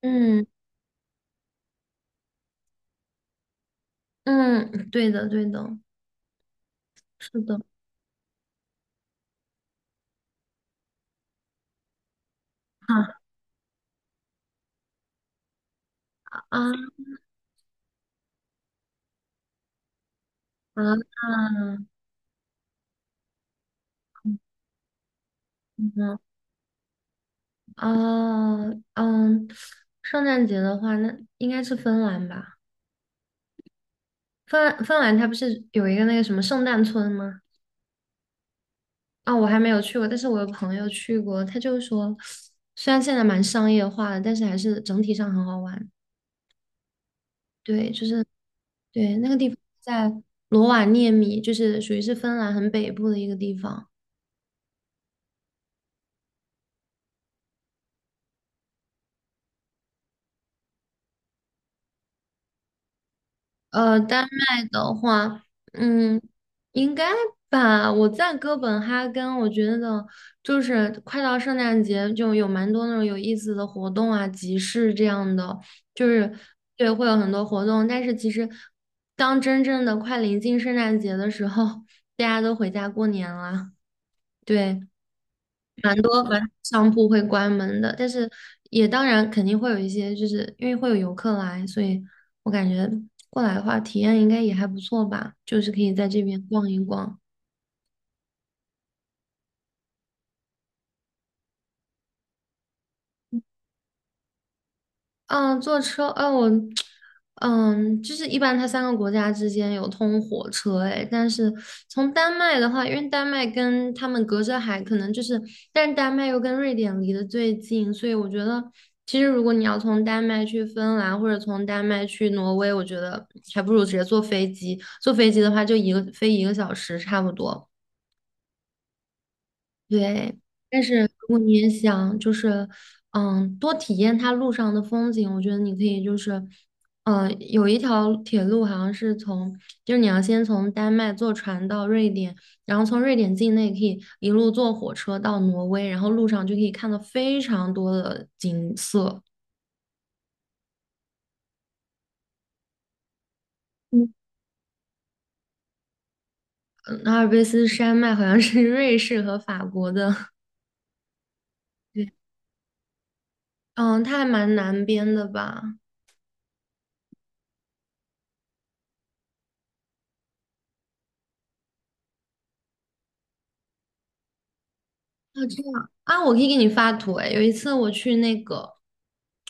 嗯嗯，懂，懂，啊，啊，嗯，哦，圣诞节的话，那应该是芬兰吧？芬兰它不是有一个那个什么圣诞村吗？啊、我还没有去过，但是我有朋友去过，他就说，虽然现在蛮商业化的，但是还是整体上很好玩。对，就是对那个地方在罗瓦涅米，就是属于是芬兰很北部的一个地方。丹麦的话，嗯，应该吧。我在哥本哈根，我觉得就是快到圣诞节，就有蛮多那种有意思的活动啊、集市这样的，就是对，会有很多活动。但是其实，当真正的快临近圣诞节的时候，大家都回家过年了。对，蛮多蛮多商铺会关门的，但是也当然肯定会有一些，就是因为会有游客来，所以我感觉过来的话，体验应该也还不错吧，就是可以在这边逛一逛。嗯，坐车，就是一般它三个国家之间有通火车，诶，但是从丹麦的话，因为丹麦跟他们隔着海，可能就是，但是丹麦又跟瑞典离得最近，所以我觉得，其实如果你要从丹麦去芬兰或者从丹麦去挪威，我觉得还不如直接坐飞机，坐飞机的话就一个飞1个小时差不多。对，但是如果你也想就是，多体验它路上的风景，我觉得你可以就是，嗯，有一条铁路好像是从，就是你要先从丹麦坐船到瑞典，然后从瑞典境内可以一路坐火车到挪威，然后路上就可以看到非常多的景色。嗯，嗯，阿尔卑斯山脉好像是 瑞士和法国的，对，嗯，它还蛮南边的吧。啊，这样啊，我可以给你发图诶。有一次我去那个，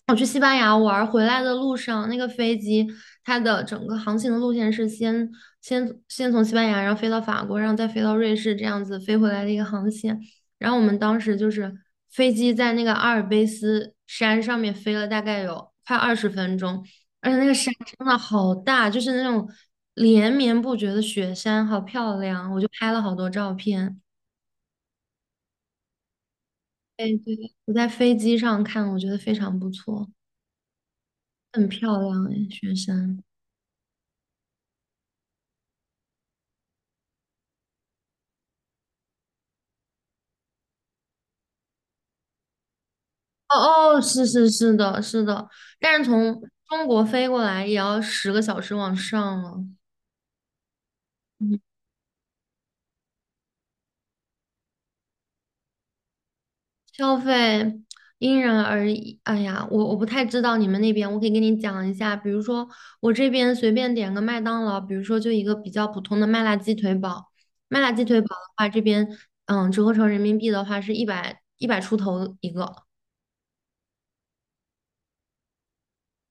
我去西班牙玩儿，回来的路上，那个飞机它的整个航行的路线是先从西班牙，然后飞到法国，然后再飞到瑞士，这样子飞回来的一个航线。然后我们当时就是飞机在那个阿尔卑斯山上面飞了大概有快20分钟，而且那个山真的好大，就是那种连绵不绝的雪山，好漂亮，我就拍了好多照片。我在飞机上看，我觉得非常不错，很漂亮哎，雪山。哦哦，是是是的，是的，但是从中国飞过来也要10个小时往上了，消费因人而异。哎呀，我不太知道你们那边，我可以跟你讲一下，比如说我这边随便点个麦当劳，比如说就一个比较普通的麦辣鸡腿堡，麦辣鸡腿堡的话，这边折合成人民币的话是一百一百出头一个。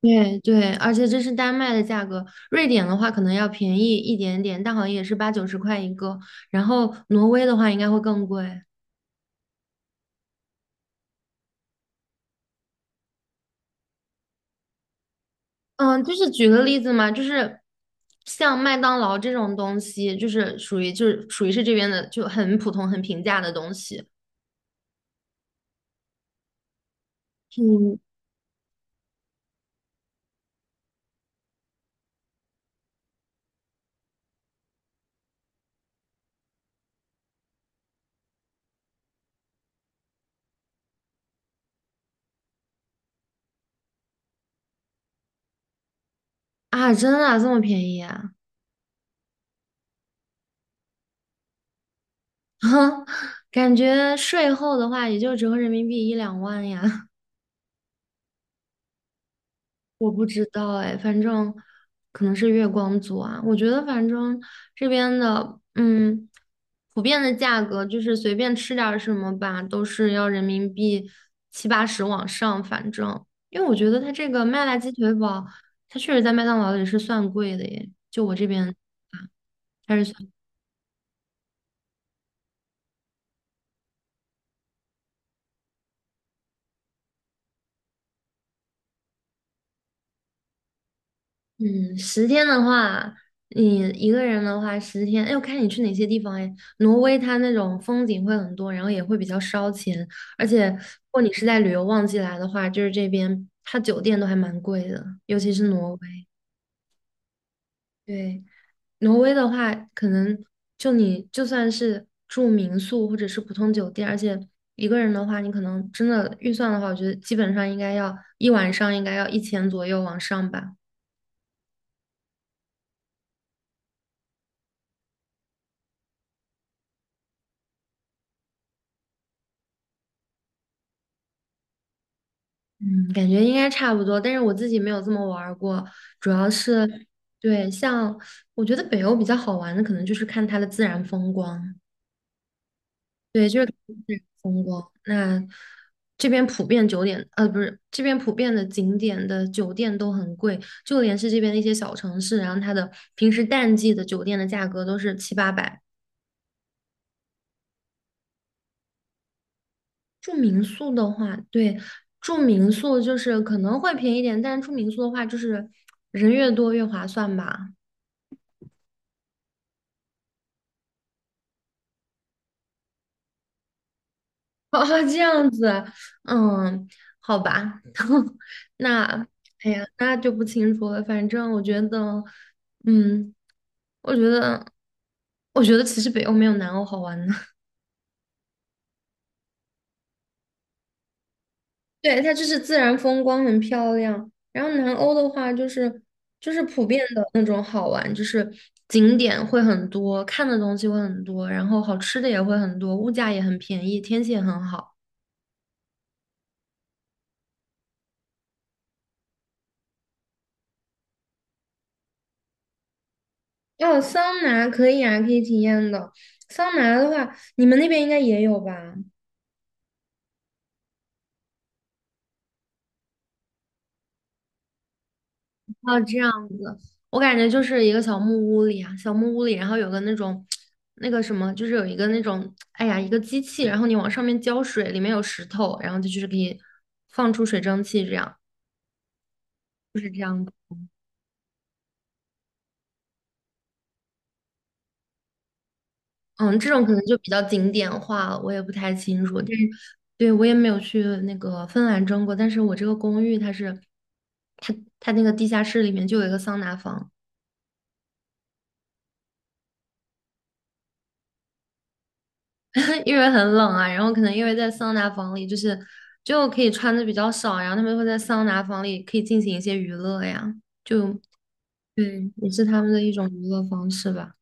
对对，而且这是丹麦的价格，瑞典的话可能要便宜一点点，但好像也是八九十块一个。然后挪威的话应该会更贵。嗯，就是举个例子嘛，就是像麦当劳这种东西，就是属于是这边的就很普通很平价的东西。嗯，啊，真的啊这么便宜啊？感觉税后的话也就折合人民币一两万呀。我不知道哎，反正可能是月光族啊。我觉得反正这边的，嗯，普遍的价格就是随便吃点儿什么吧，都是要人民币七八十往上。反正，因为我觉得它这个麦辣鸡腿堡，它确实在麦当劳里是算贵的耶，就我这边啊，它是算。嗯，十天的话，你一个人的话，十天，哎，我看你去哪些地方哎。挪威它那种风景会很多，然后也会比较烧钱，而且如果你是在旅游旺季来的话，就是这边它酒店都还蛮贵的，尤其是挪威。对，挪威的话，可能就你就算是住民宿或者是普通酒店，而且一个人的话，你可能真的预算的话，我觉得基本上应该要一晚上应该要1000左右往上吧。嗯，感觉应该差不多，但是我自己没有这么玩儿过，主要是，对，像我觉得北欧比较好玩的，可能就是看它的自然风光，对，就是看自然风光。那这边普遍酒店，不是，这边普遍的景点的酒店都很贵，就连是这边的一些小城市，然后它的平时淡季的酒店的价格都是七八百。住民宿的话，对，住民宿就是可能会便宜点，但是住民宿的话，就是人越多越划算吧。哦，这样子，嗯，好吧，那，哎呀，那就不清楚了。反正我觉得，嗯，我觉得，我觉得其实北欧没有南欧好玩呢。对，它就是自然风光很漂亮，然后南欧的话就是就是普遍的那种好玩，就是景点会很多，看的东西会很多，然后好吃的也会很多，物价也很便宜，天气也很好。哦，桑拿可以啊，可以体验的。桑拿的话，你们那边应该也有吧？哦，这样子，我感觉就是一个小木屋里啊，小木屋里，然后有个那种，那个什么，就是有一个那种，哎呀，一个机器，然后你往上面浇水，里面有石头，然后它就是可以放出水蒸气这样。嗯，这种可能就比较景点化了，我也不太清楚。但是，对，我也没有去那个芬兰蒸过，但是我这个公寓它是，它它那个地下室里面就有一个桑拿房。因为很冷啊，然后可能因为在桑拿房里，就是就可以穿的比较少，然后他们会在桑拿房里可以进行一些娱乐呀，就对，也是他们的一种娱乐方式吧。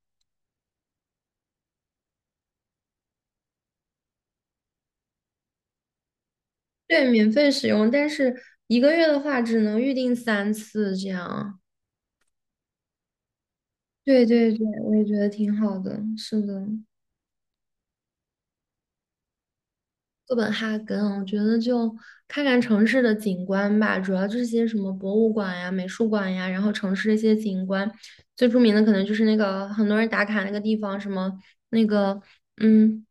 对，免费使用，但是一个月的话只能预定3次这样。对对对，我也觉得挺好的，是的。哥本哈根，我觉得就看看城市的景观吧，主要就是些什么博物馆呀、美术馆呀，然后城市的一些景观，最著名的可能就是那个很多人打卡那个地方，什么那个嗯，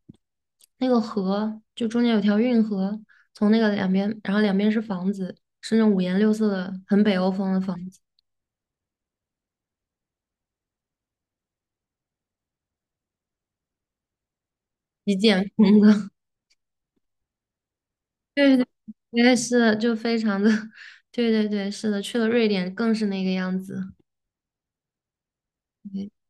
那个河，就中间有条运河，从那个两边，然后两边是房子，是那种五颜六色的，很北欧风的房子，极简风的。对对对，是的就非常的，对对对，是的，去了瑞典更是那个样子。对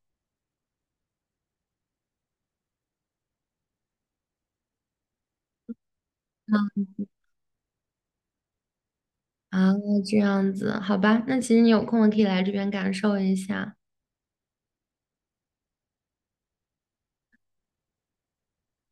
嗯啊，这样子，好吧，那其实你有空可以来这边感受一下。